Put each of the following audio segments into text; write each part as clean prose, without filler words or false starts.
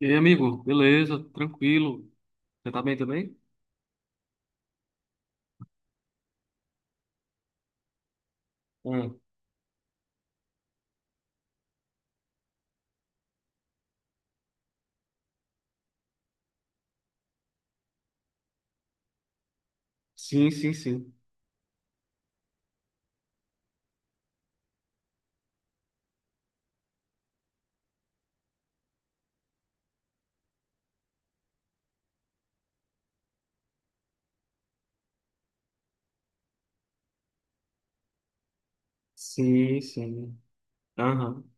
E aí, amigo, beleza, tranquilo. Você tá bem também? Hum. Sim, sim, sim. Sim, sim. Aham.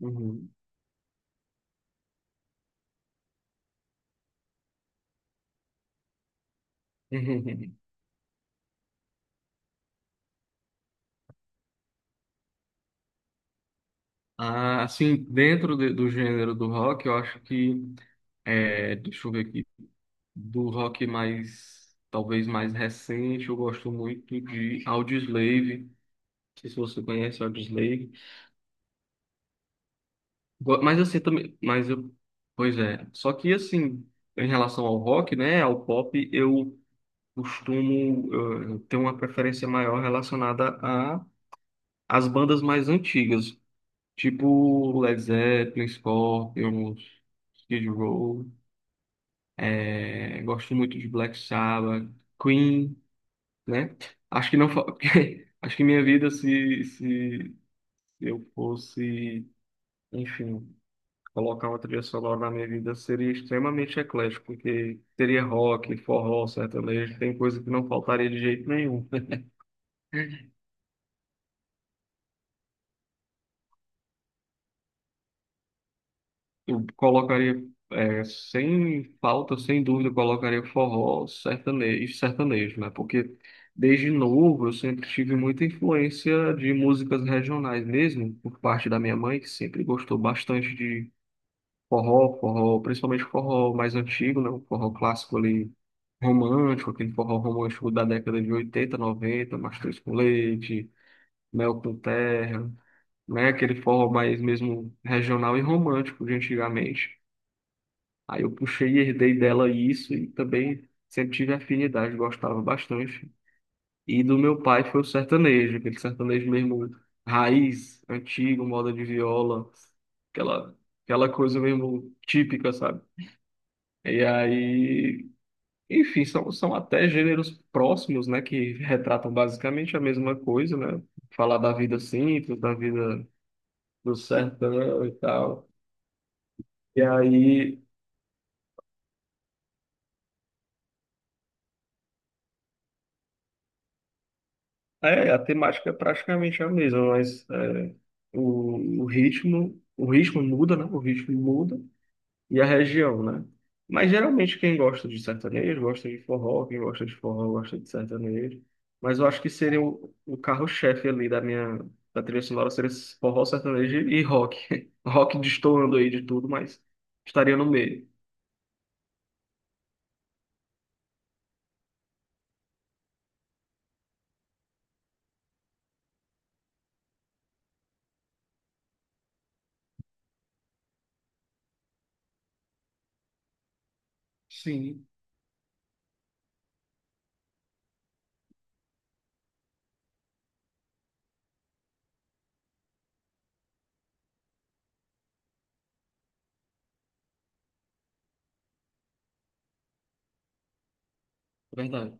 Uhum. Ah, assim, do gênero do rock, eu acho que, deixa eu ver aqui, do rock mais, talvez mais recente, eu gosto muito de Audioslave. Não sei se você conhece Audioslave. Mas assim, também, mas eu, pois é. Só que assim, em relação ao rock, né, ao pop, eu costumo ter uma preferência maior relacionada a as bandas mais antigas, tipo Led Zeppelin, Scorpions, Skid Row, gosto muito de Black Sabbath, Queen, né? Acho que não, porque acho que minha vida se eu fosse, enfim, colocar uma trilha sonora na minha vida seria extremamente eclético, porque teria rock, forró, sertanejo, tem coisa que não faltaria de jeito nenhum. Eu colocaria, sem falta, sem dúvida, eu colocaria forró sertanejo, sertanejo, né? Porque desde novo eu sempre tive muita influência de músicas regionais mesmo, por parte da minha mãe, que sempre gostou bastante de forró, forró, principalmente forró mais antigo, né? O forró clássico ali, romântico, aquele forró romântico da década de 80 90. Mastruz com Leite, Mel com Terra, né? Aquele forró mais mesmo regional e romântico de antigamente. Aí eu puxei e herdei dela isso e também sempre tive afinidade, gostava bastante. E do meu pai foi o sertanejo, aquele sertanejo mesmo raiz, antigo, moda de viola, aquela, aquela coisa mesmo típica, sabe? E aí, enfim, são até gêneros próximos, né, que retratam basicamente a mesma coisa, né? Falar da vida simples, da vida do sertão e tal. E aí. É, a temática é praticamente a mesma, mas o ritmo, muda, né? O ritmo muda e a região, né? Mas geralmente quem gosta de sertanejo gosta de forró, quem gosta de forró gosta de sertanejo. Mas eu acho que seria o carro-chefe ali da trilha sonora seria esse forró, sertanejo e rock. Rock destoando aí de tudo, mas estaria no meio. Sim, verdade.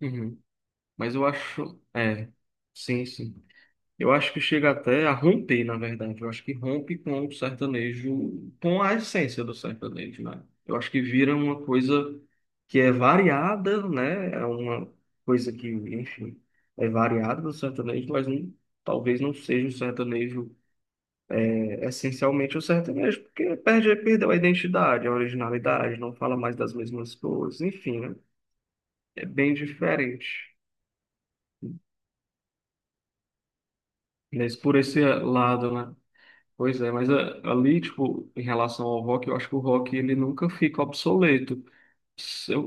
Uhum. Mas eu acho, é, sim, sim. Eu acho que chega até a romper, na verdade. Eu acho que rompe com o sertanejo, com a essência do sertanejo, né? Eu acho que vira uma coisa que é variada, né? É uma coisa que, enfim, é variada do sertanejo, mas não, talvez não seja o sertanejo, essencialmente o sertanejo, porque perdeu a identidade, a originalidade, não fala mais das mesmas coisas, enfim, né? É bem diferente. Mas por esse lado, né? Pois é, mas ali, tipo, em relação ao rock, eu acho que o rock ele nunca fica obsoleto.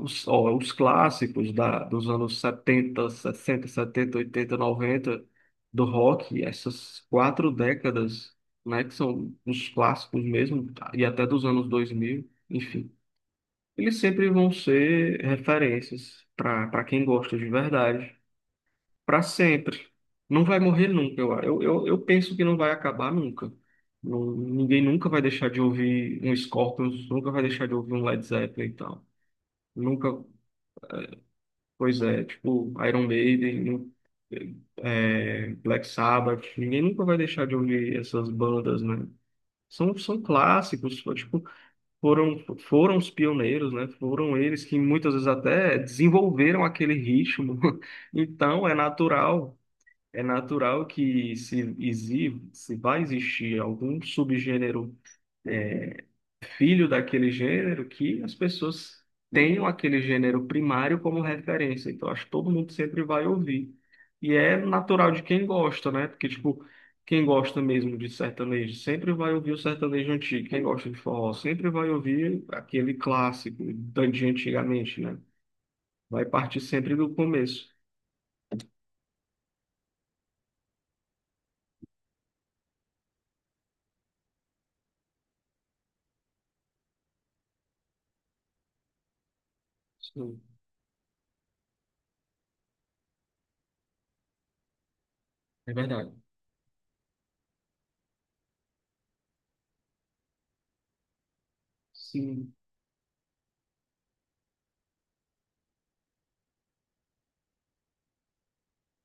Os clássicos dos anos 70 60 70 80 90 do rock, essas 4 décadas, né, que são os clássicos mesmo, e até dos anos 2000 enfim, eles sempre vão ser referências para quem gosta de verdade para sempre. Não vai morrer nunca, eu penso que não vai acabar nunca. Ninguém nunca vai deixar de ouvir um Scorpions, nunca vai deixar de ouvir um Led Zeppelin e tal. Nunca, pois é, tipo Iron Maiden, Black Sabbath, ninguém nunca vai deixar de ouvir essas bandas, né? São clássicos, tipo, foram os pioneiros, né? Foram eles que muitas vezes até desenvolveram aquele ritmo. Então é natural que se vai existir algum subgênero filho daquele gênero, que as pessoas tenham aquele gênero primário como referência. Então, acho que todo mundo sempre vai ouvir. E é natural de quem gosta, né? Porque, tipo, quem gosta mesmo de sertanejo sempre vai ouvir o sertanejo antigo. Quem gosta de forró sempre vai ouvir aquele clássico de antigamente, né? Vai partir sempre do começo. Sim, é verdade. Sim.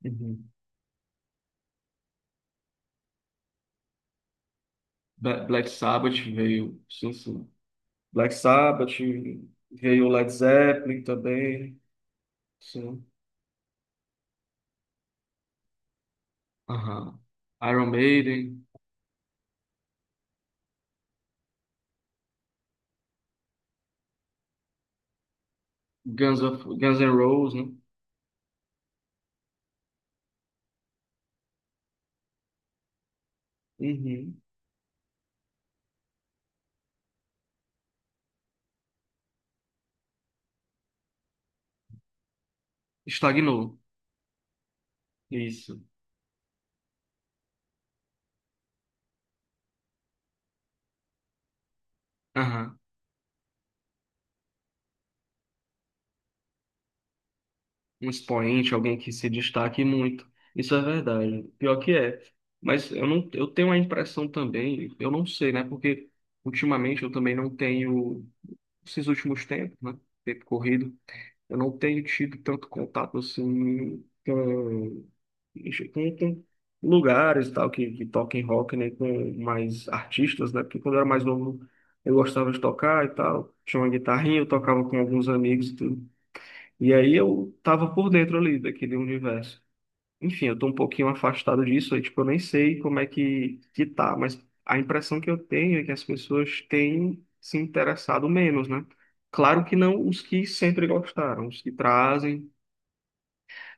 Uhum. Black Sabbath veio, sim, sim. Black Sabbath veio Led Zeppelin também, sim. Aham. Iron Maiden, Guns N' Roses, né? Uhum. Estagnou. Isso. Aham. Um expoente, alguém que se destaque muito. Isso é verdade. Pior que é. Mas eu não, eu tenho a impressão também, eu não sei, né? Porque ultimamente eu também não tenho, esses últimos tempos, né? Tempo corrido. Eu não tenho tido tanto contato assim com, com lugares e tal que toquem rock, né, com mais artistas, né? Porque quando eu era mais novo eu gostava de tocar e tal, tinha uma guitarrinha, eu tocava com alguns amigos e tudo. E aí eu tava por dentro ali daquele universo. Enfim, eu tô um pouquinho afastado disso, aí, tipo, eu nem sei como é que tá, mas a impressão que eu tenho é que as pessoas têm se interessado menos, né? Claro que não os que sempre gostaram, os que trazem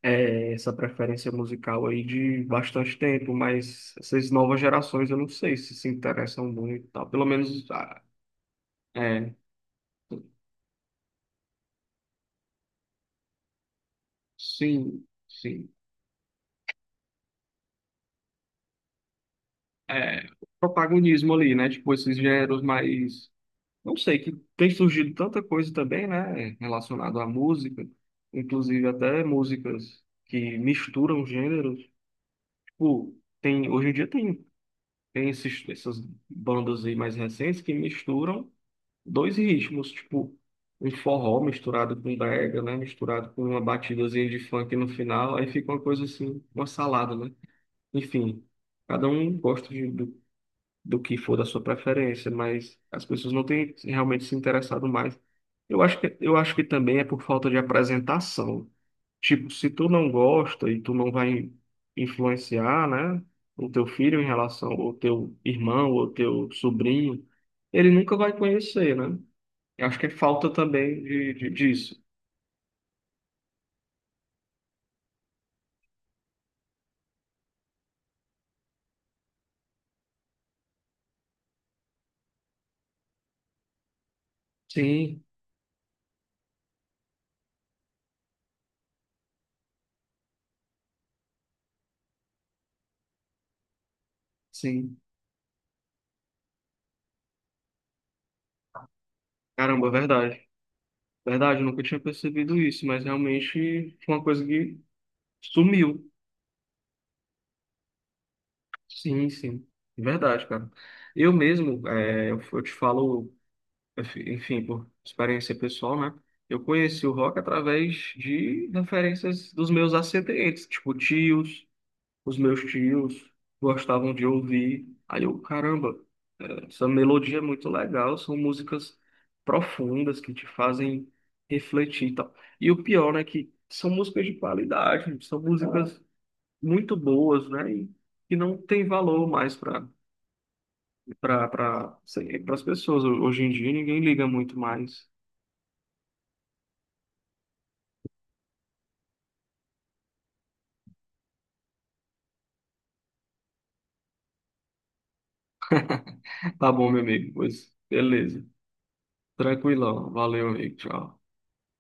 essa preferência musical aí de bastante tempo, mas essas novas gerações eu não sei se se interessam muito e tal. Pelo menos, ah, é, sim, sim. É, o protagonismo ali, né? Tipo, esses gêneros mais. Não sei, que tem surgido tanta coisa também, né? Relacionado à música, inclusive até músicas que misturam gêneros. Tipo, hoje em dia tem essas bandas aí mais recentes que misturam. Dois ritmos, tipo, um forró misturado com brega, né? Misturado com uma batidazinha de funk no final, aí fica uma coisa assim, uma salada, né? Enfim, cada um gosta do que for da sua preferência, mas as pessoas não têm realmente se interessado mais. Eu acho que também é por falta de apresentação. Tipo, se tu não gosta e tu não vai influenciar, né? O teu filho em relação ao teu irmão ou teu sobrinho, ele nunca vai conhecer, né? Eu acho que falta também disso. Sim, sim. Caramba, verdade. Verdade, eu nunca tinha percebido isso, mas realmente foi uma coisa que sumiu. Sim, sim. Verdade, cara. Eu mesmo, eu te falo, enfim, por experiência pessoal, né? Eu conheci o rock através de referências dos meus ascendentes, tipo tios, os meus tios gostavam de ouvir. Aí eu, caramba, essa melodia é muito legal, são músicas profundas que te fazem refletir e tal. E o pior, né, que são músicas de qualidade, são músicas muito boas, né, e que não tem valor mais para as pessoas. Hoje em dia ninguém liga muito mais. Tá bom, meu amigo, pois beleza. Tranquilão, valeu, amigo, tchau.